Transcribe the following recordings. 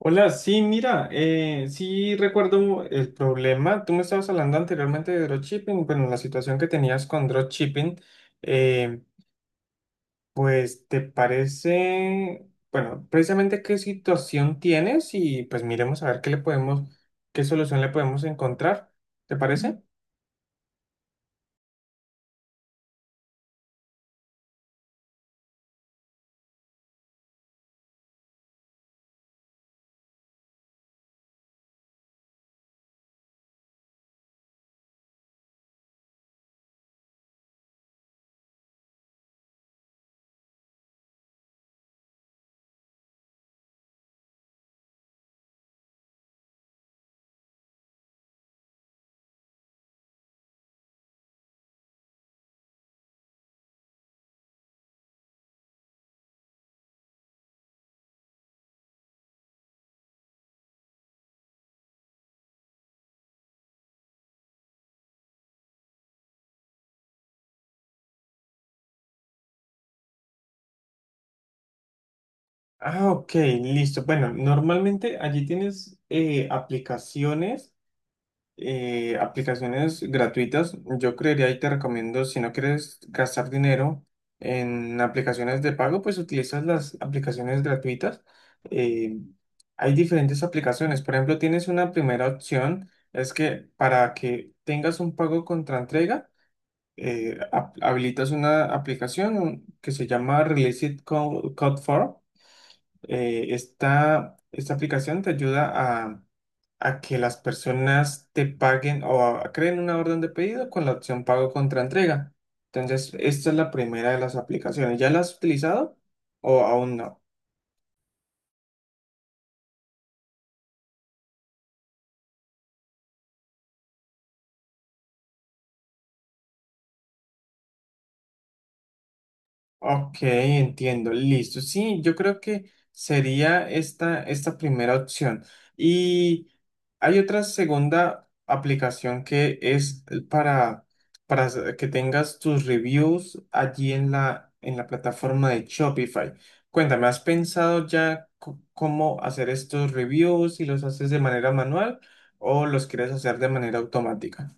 Hola, sí, mira, sí recuerdo el problema. Tú me estabas hablando anteriormente de dropshipping, bueno, la situación que tenías con dropshipping, eh, pues te parece, bueno, precisamente qué situación tienes y pues miremos a ver qué le qué solución le podemos encontrar. ¿Te parece? Ah, ok, listo. Bueno, normalmente allí tienes aplicaciones. Aplicaciones gratuitas. Yo creería y te recomiendo, si no quieres gastar dinero en aplicaciones de pago, pues utilizas las aplicaciones gratuitas. Eh, hay diferentes aplicaciones. Por ejemplo, tienes una primera opción, es que para que tengas un pago contra entrega, habilitas una aplicación que se llama Release It Code for esta aplicación te ayuda a, a que las personas te paguen o creen una orden de pedido con la opción pago contra entrega. Entonces, esta es la primera de las aplicaciones. ¿Ya la has utilizado o aún no? Ok, entiendo, listo. Sí, yo creo que sería esta primera opción. Y hay otra segunda aplicación que es para que tengas tus reviews allí en en la plataforma de Shopify. Cuéntame, ¿has pensado ya cómo hacer estos reviews? ¿Si los haces de manera manual o los quieres hacer de manera automática?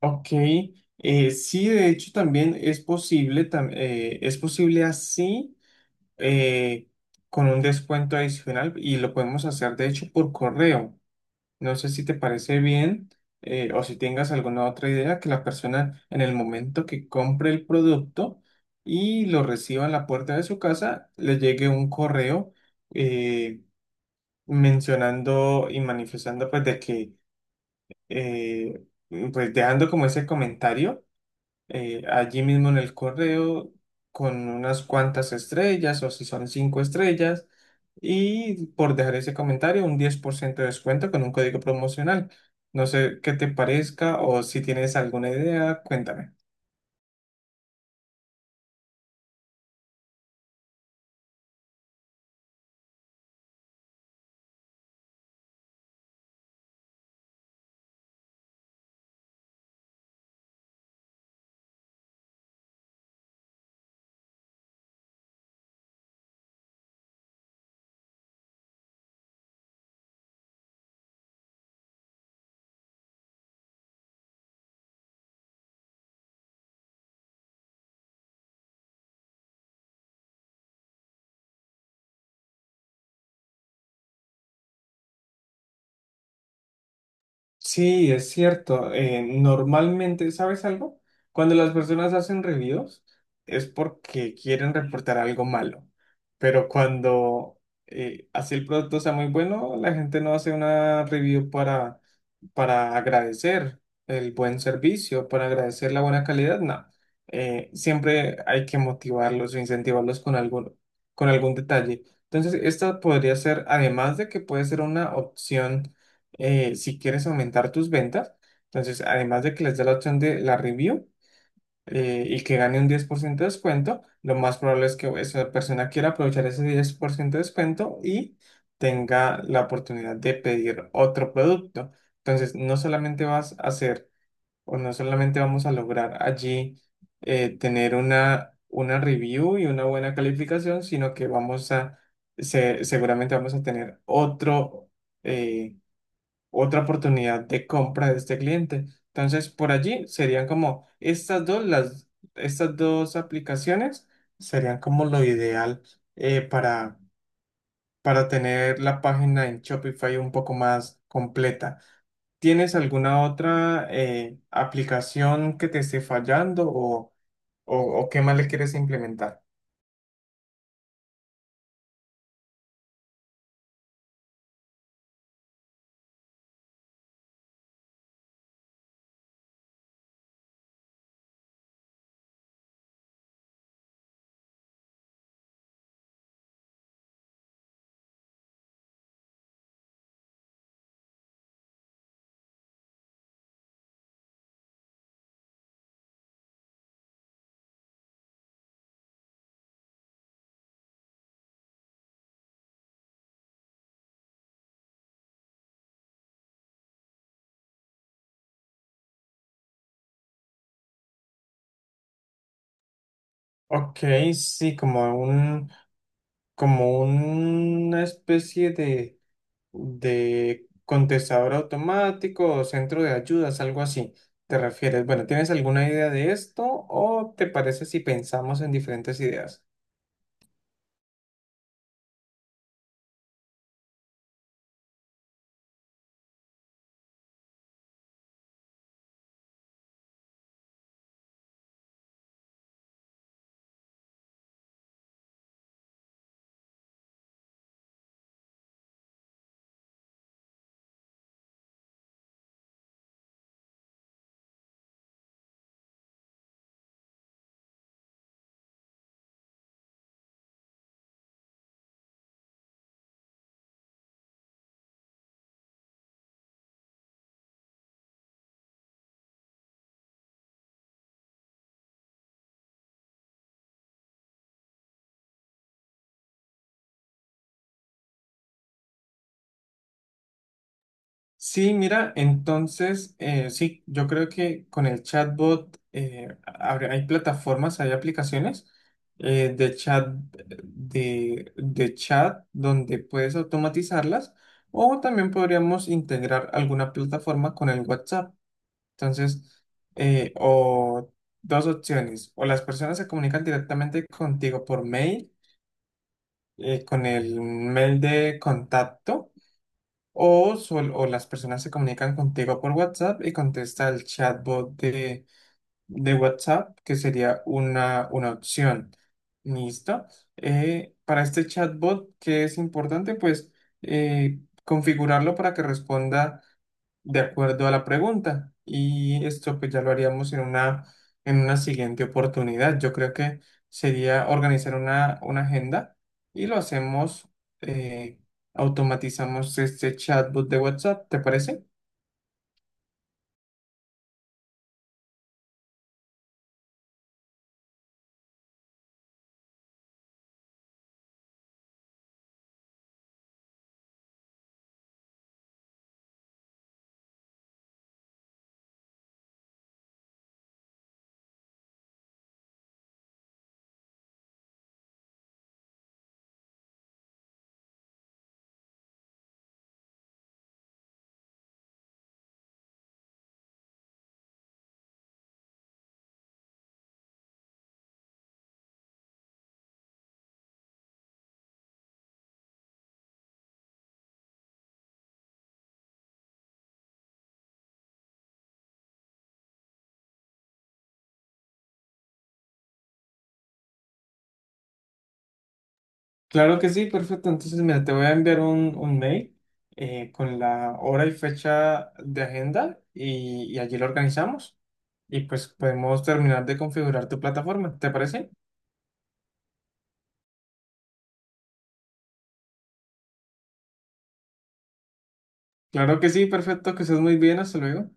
Ok, sí, de hecho también es posible, es posible así eh, con un descuento adicional y lo podemos hacer de hecho por correo. No sé si te parece bien o si tengas alguna otra idea que la persona en el momento que compre el producto y lo reciba en la puerta de su casa, le llegue un correo eh, mencionando y manifestando pues de que eh, pues dejando como ese comentario allí mismo en el correo con unas cuantas estrellas o si son cinco estrellas y por dejar ese comentario un 10% de descuento con un código promocional. No sé qué te parezca o si tienes alguna idea, cuéntame. Sí, es cierto. Normalmente, ¿sabes algo? Cuando las personas hacen reviews es porque quieren reportar algo malo. Pero cuando así el producto sea muy bueno, la gente no hace una review para agradecer el buen servicio, para agradecer la buena calidad. No. Siempre hay que motivarlos o incentivarlos con con algún detalle. Entonces, esta podría ser, además de que puede ser una opción si quieres aumentar tus ventas, entonces además de que les dé la opción de la review y que gane un 10% de descuento, lo más probable es que esa persona quiera aprovechar ese 10% de descuento y tenga la oportunidad de pedir otro producto. Entonces, no solamente vas a hacer o no solamente vamos a lograr allí tener una review y una buena calificación, sino que vamos seguramente vamos a tener otro eh, otra oportunidad de compra de este cliente. Entonces, por allí serían como estas dos, estas dos aplicaciones serían como lo ideal eh, para, para tener la página en Shopify un poco más completa. ¿Tienes alguna otra aplicación que te esté fallando o, o qué más le quieres implementar? Ok, sí, como como una especie de contestador automático o centro de ayudas, algo así. ¿Te refieres? Bueno, ¿tienes alguna idea de esto o te parece si pensamos en diferentes ideas? Sí, mira, entonces, sí, yo creo que con el chatbot hay plataformas, hay aplicaciones eh, de chat, de chat donde puedes automatizarlas o también podríamos integrar alguna plataforma con el WhatsApp. Entonces, o dos opciones, o las personas se comunican directamente contigo por mail, con el mail de contacto, o las personas se comunican contigo por WhatsApp y contesta el chatbot de WhatsApp, que sería una opción. ¿Listo? Para este chatbot, ¿qué es importante? Pues eh, configurarlo para que responda de acuerdo a la pregunta. Y esto pues ya lo haríamos en en una siguiente oportunidad. Yo creo que sería organizar una agenda y lo eh, automatizamos este chatbot de WhatsApp, ¿te parece? Claro que sí, perfecto. Entonces, mira, te voy a enviar un mail con la hora y fecha de agenda y allí lo organizamos y pues podemos terminar de configurar tu plataforma, ¿te parece? Claro que sí, perfecto, que estés muy bien, hasta luego.